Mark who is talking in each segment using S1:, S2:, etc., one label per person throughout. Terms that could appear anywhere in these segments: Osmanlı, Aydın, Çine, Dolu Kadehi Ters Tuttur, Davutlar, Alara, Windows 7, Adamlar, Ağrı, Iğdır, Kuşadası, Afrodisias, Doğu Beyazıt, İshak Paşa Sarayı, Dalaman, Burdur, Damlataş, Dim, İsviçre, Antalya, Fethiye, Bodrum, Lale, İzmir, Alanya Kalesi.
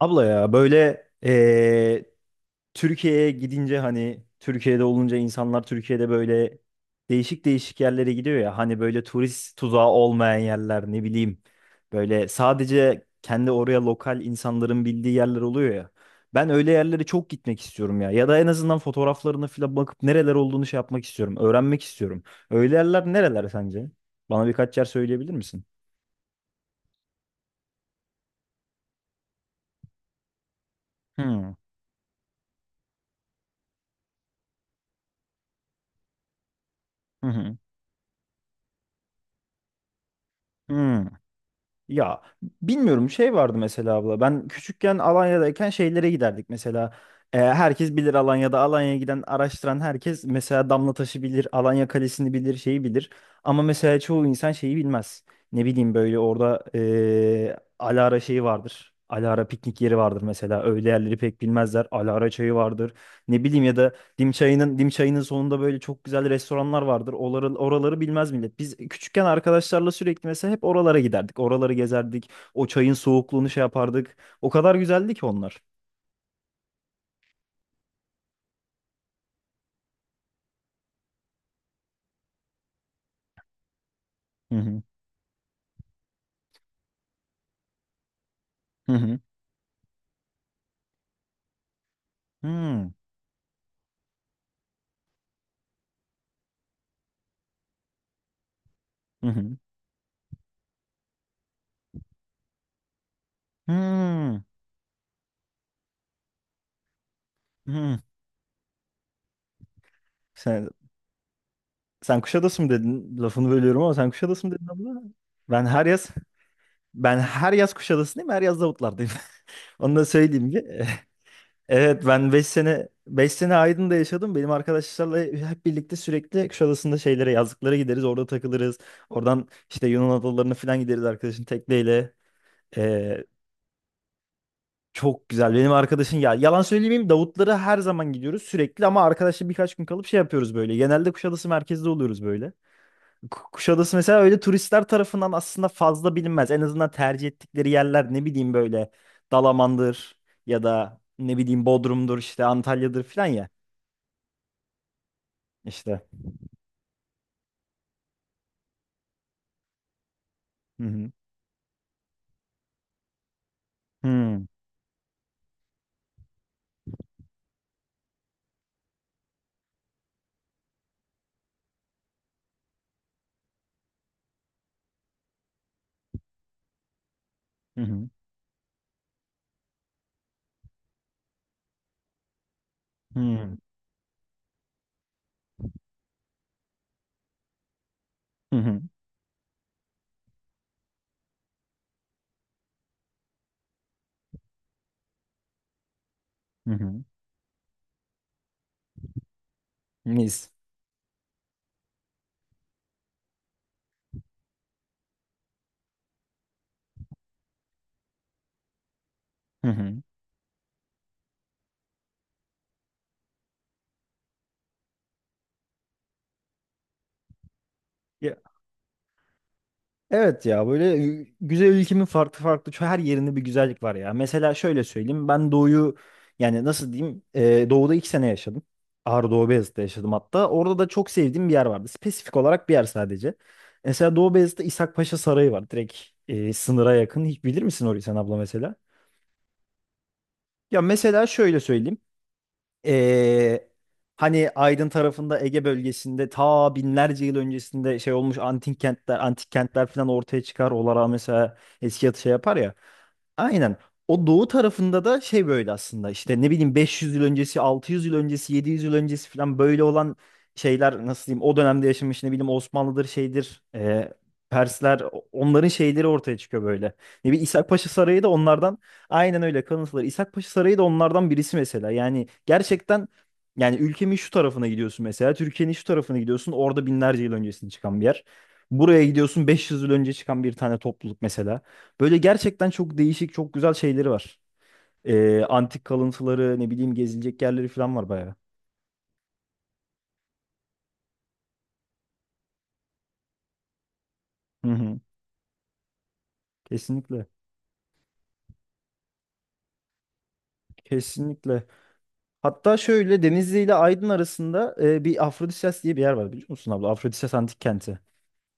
S1: Abla ya böyle Türkiye'ye gidince, hani Türkiye'de olunca, insanlar Türkiye'de böyle değişik değişik yerlere gidiyor ya, hani böyle turist tuzağı olmayan yerler, ne bileyim, böyle sadece kendi oraya lokal insanların bildiği yerler oluyor ya. Ben öyle yerlere çok gitmek istiyorum ya, ya da en azından fotoğraflarına falan bakıp nereler olduğunu şey yapmak istiyorum, öğrenmek istiyorum. Öyle yerler nereler sence? Bana birkaç yer söyleyebilir misin? Hmm. Hı hı. Hmm. Ya bilmiyorum, şey vardı mesela abla, ben küçükken Alanya'dayken şeylere giderdik mesela. Herkes bilir, Alanya'da Alanya'ya giden araştıran herkes mesela Damlataş'ı bilir, Alanya Kalesi'ni bilir, şeyi bilir, ama mesela çoğu insan şeyi bilmez, ne bileyim, böyle orada Alara şeyi vardır, Alara piknik yeri vardır mesela, öyle yerleri pek bilmezler. Alara çayı vardır, ne bileyim, ya da Dim çayının sonunda böyle çok güzel restoranlar vardır. Oraları bilmez millet. Biz küçükken arkadaşlarla sürekli mesela hep oralara giderdik. Oraları gezerdik. O çayın soğukluğunu şey yapardık. O kadar güzeldi ki onlar. Hı hı. Hı hı. Hı hı. Hı Hmm. Hı. Sen, sen Kuşadası mı dedin? Lafını bölüyorum ama sen Kuşadası mı dedin abla? Ben her yaz ben her yaz Kuşadası'ndayım, her yaz Davutlar'dayım. Onu da söyleyeyim ki. Evet, ben beş sene Aydın'da yaşadım. Benim arkadaşlarla hep birlikte sürekli Kuşadası'nda şeylere, yazlıklara gideriz. Orada takılırız. Oradan işte Yunan adalarına falan gideriz arkadaşın tekneyle. Ee, Çok güzel. Benim arkadaşın, ya yalan söylemeyeyim, Davutlara her zaman gidiyoruz sürekli, ama arkadaşla birkaç gün kalıp şey yapıyoruz böyle. Genelde Kuşadası merkezde oluyoruz böyle. Kuşadası mesela öyle turistler tarafından aslında fazla bilinmez. En azından tercih ettikleri yerler, ne bileyim, böyle Dalaman'dır, ya da ne bileyim Bodrum'dur, işte Antalya'dır falan ya. İşte. Hı hı. Hı hı. Hı hı. Hı hı. Hı hı. Mis. Hı hı. Ya, evet ya, böyle güzel ülkemin farklı farklı her yerinde bir güzellik var ya. Mesela şöyle söyleyeyim, ben doğuyu, yani nasıl diyeyim, doğuda 2 sene yaşadım. Ağrı Doğu Beyazıt'ta yaşadım hatta. Orada da çok sevdiğim bir yer vardı. Spesifik olarak bir yer sadece. Mesela Doğu Beyazıt'ta İshak Paşa Sarayı var. Direkt sınıra yakın. Hiç bilir misin orayı sen abla mesela? Ya mesela şöyle söyleyeyim. Ee, Hani Aydın tarafında, Ege bölgesinde, ta binlerce yıl öncesinde şey olmuş antik kentler, antik kentler falan ortaya çıkar. Olara mesela eski yatı şey yapar ya. Aynen. O doğu tarafında da şey, böyle aslında işte, ne bileyim, 500 yıl öncesi, 600 yıl öncesi, 700 yıl öncesi falan böyle olan şeyler, nasıl diyeyim, o dönemde yaşamış, ne bileyim, Osmanlı'dır, şeydir, Persler, onların şeyleri ortaya çıkıyor böyle. Ne bileyim İshak Paşa Sarayı da onlardan. Aynen öyle, kalıntıları. İshak Paşa Sarayı da onlardan birisi mesela. Yani gerçekten, yani ülkemin şu tarafına gidiyorsun mesela. Türkiye'nin şu tarafına gidiyorsun. Orada binlerce yıl öncesinde çıkan bir yer. Buraya gidiyorsun, 500 yıl önce çıkan bir tane topluluk mesela. Böyle gerçekten çok değişik, çok güzel şeyleri var. Antik kalıntıları, ne bileyim, gezilecek yerleri falan var bayağı. Hı hı. Kesinlikle. Kesinlikle. Hatta şöyle Denizli ile Aydın arasında bir Afrodisias diye bir yer var, biliyor musun abla? Afrodisias Antik Kenti.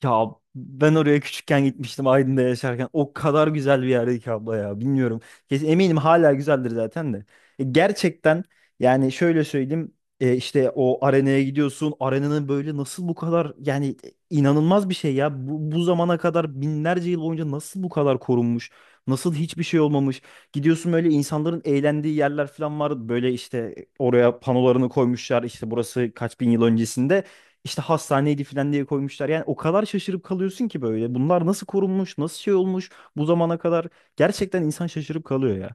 S1: Ya ben oraya küçükken gitmiştim Aydın'da yaşarken. O kadar güzel bir yerdi ki abla ya. Bilmiyorum. Kesin eminim hala güzeldir zaten de. Gerçekten, yani şöyle söyleyeyim. İşte o arenaya gidiyorsun. Arenanın böyle nasıl bu kadar, yani inanılmaz bir şey ya. Bu zamana kadar binlerce yıl boyunca nasıl bu kadar korunmuş? Nasıl hiçbir şey olmamış? Gidiyorsun böyle, insanların eğlendiği yerler falan var. Böyle işte oraya panolarını koymuşlar. İşte burası kaç bin yıl öncesinde. İşte hastaneydi falan diye koymuşlar. Yani o kadar şaşırıp kalıyorsun ki böyle. Bunlar nasıl korunmuş, nasıl şey olmuş bu zamana kadar. Gerçekten insan şaşırıp kalıyor ya.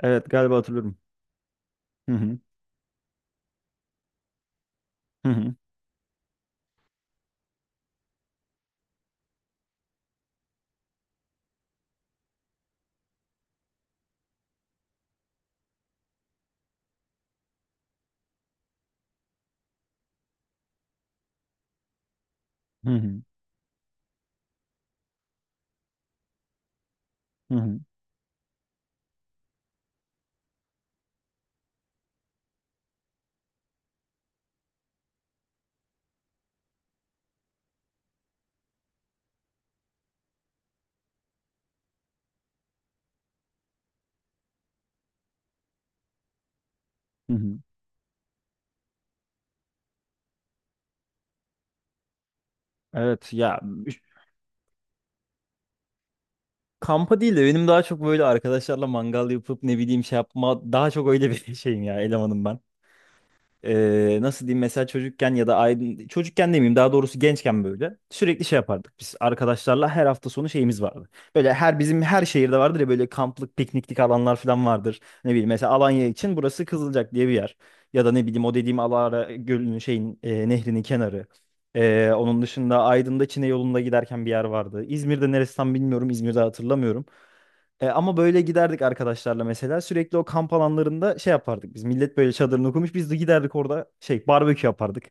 S1: Evet galiba hatırlıyorum. Hı hı. Hı hı. Hı hı. Hı hı. Hı hı. Evet ya, kampa değil de benim daha çok böyle arkadaşlarla mangal yapıp, ne bileyim, şey yapma, daha çok öyle bir şeyim ya, elemanım ben. Nasıl diyeyim, mesela çocukken, ya da aydın, çocukken demeyeyim daha doğrusu, gençken böyle sürekli şey yapardık biz arkadaşlarla, her hafta sonu şeyimiz vardı. Böyle her bizim her şehirde vardır ya, böyle kamplık pikniklik alanlar falan vardır. Ne bileyim mesela Alanya için burası Kızılcak diye bir yer. Ya da ne bileyim, o dediğim Alara Gölü'nün şeyin, nehrinin kenarı. Onun dışında Aydın'da Çine yolunda giderken bir yer vardı. İzmir'de neresi tam bilmiyorum, İzmir'de hatırlamıyorum. Ama böyle giderdik arkadaşlarla mesela. Sürekli o kamp alanlarında şey yapardık biz. Millet böyle çadırını kurmuş. Biz de giderdik orada şey, barbekü yapardık.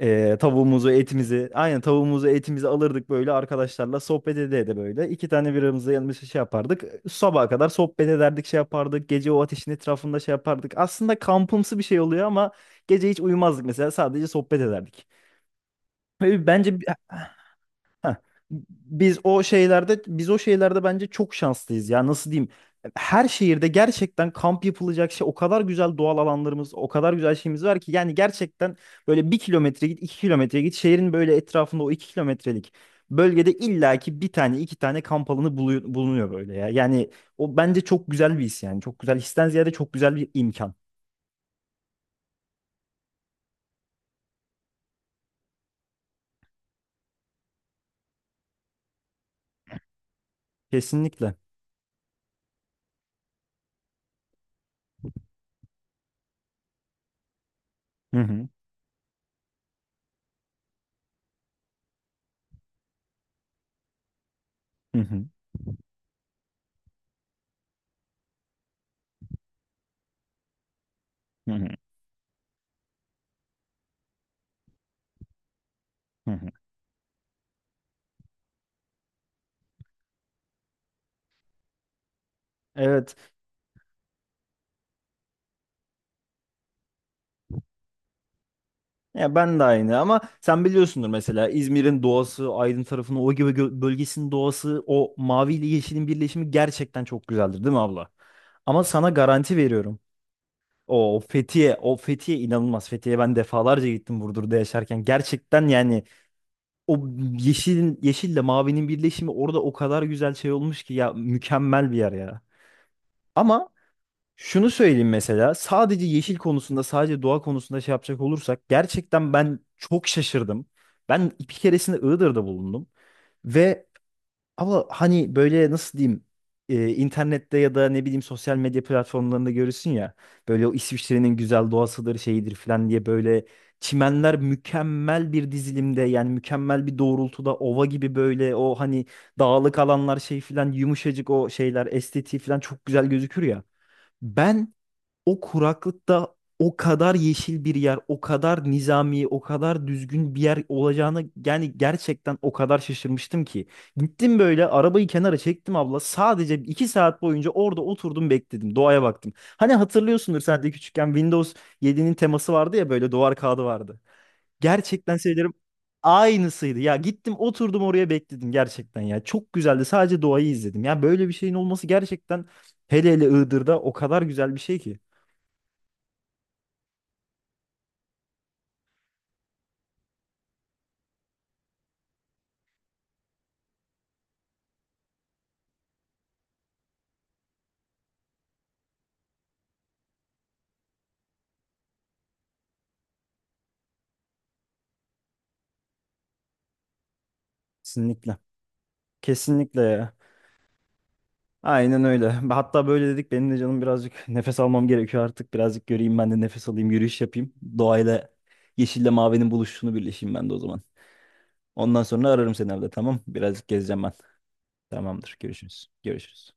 S1: Tavuğumuzu, etimizi. Aynen, tavuğumuzu, etimizi alırdık, böyle arkadaşlarla sohbet ede ede böyle. İki tane biramızı yanımızda şey yapardık. Sabaha kadar sohbet ederdik, şey yapardık. Gece o ateşin etrafında şey yapardık. Aslında kampımsı bir şey oluyor ama gece hiç uyumazdık mesela. Sadece sohbet ederdik. Ve bence. Heh. Biz o şeylerde bence çok şanslıyız ya, nasıl diyeyim, her şehirde gerçekten kamp yapılacak şey, o kadar güzel doğal alanlarımız, o kadar güzel şeyimiz var ki, yani gerçekten böyle 1 kilometre git, 2 kilometre git, şehrin böyle etrafında o 2 kilometrelik bölgede illaki bir tane, iki tane kamp alanı bulunuyor böyle ya, yani o bence çok güzel bir his, yani çok güzel histen ziyade çok güzel bir imkan, kesinlikle. Hı hı. Hı hı. Hı hı. Hı hı. Evet. Ya ben de aynı, ama sen biliyorsundur mesela İzmir'in doğası, Aydın tarafının o gibi bölgesinin doğası, o mavi ile yeşilin birleşimi gerçekten çok güzeldir değil mi abla? Ama sana garanti veriyorum. O Fethiye, o Fethiye inanılmaz. Fethiye'ye ben defalarca gittim Burdur'da yaşarken. Gerçekten yani o yeşilin, yeşille mavinin birleşimi orada o kadar güzel şey olmuş ki ya, mükemmel bir yer ya. Ama şunu söyleyeyim mesela, sadece yeşil konusunda, sadece doğa konusunda şey yapacak olursak gerçekten ben çok şaşırdım. Ben bir keresinde Iğdır'da bulundum ve, ama hani böyle, nasıl diyeyim, internette ya da ne bileyim sosyal medya platformlarında görürsün ya, böyle o İsviçre'nin güzel doğasıdır, şeyidir falan diye, böyle çimenler mükemmel bir dizilimde, yani mükemmel bir doğrultuda, ova gibi böyle, o hani dağlık alanlar şey falan, yumuşacık o şeyler, estetiği falan çok güzel gözükür ya. Ben o kuraklıkta o kadar yeşil bir yer, o kadar nizami, o kadar düzgün bir yer olacağını, yani gerçekten o kadar şaşırmıştım ki. Gittim böyle arabayı kenara çektim abla. Sadece 2 saat boyunca orada oturdum, bekledim. Doğaya baktım. Hani hatırlıyorsundur sen de, küçükken Windows 7'nin teması vardı ya, böyle duvar kağıdı vardı. Gerçekten söylerim aynısıydı. Ya gittim oturdum oraya bekledim gerçekten ya. Çok güzeldi. Sadece doğayı izledim. Ya böyle bir şeyin olması, gerçekten hele hele Iğdır'da o kadar güzel bir şey ki. Kesinlikle. Kesinlikle ya. Aynen öyle. Hatta böyle dedik, benim de canım birazcık nefes almam gerekiyor artık. Birazcık göreyim ben de, nefes alayım, yürüyüş yapayım. Doğayla, yeşille mavinin buluşunu birleşeyim ben de o zaman. Ondan sonra ararım seni evde tamam. Birazcık gezeceğim ben. Tamamdır. Görüşürüz. Görüşürüz.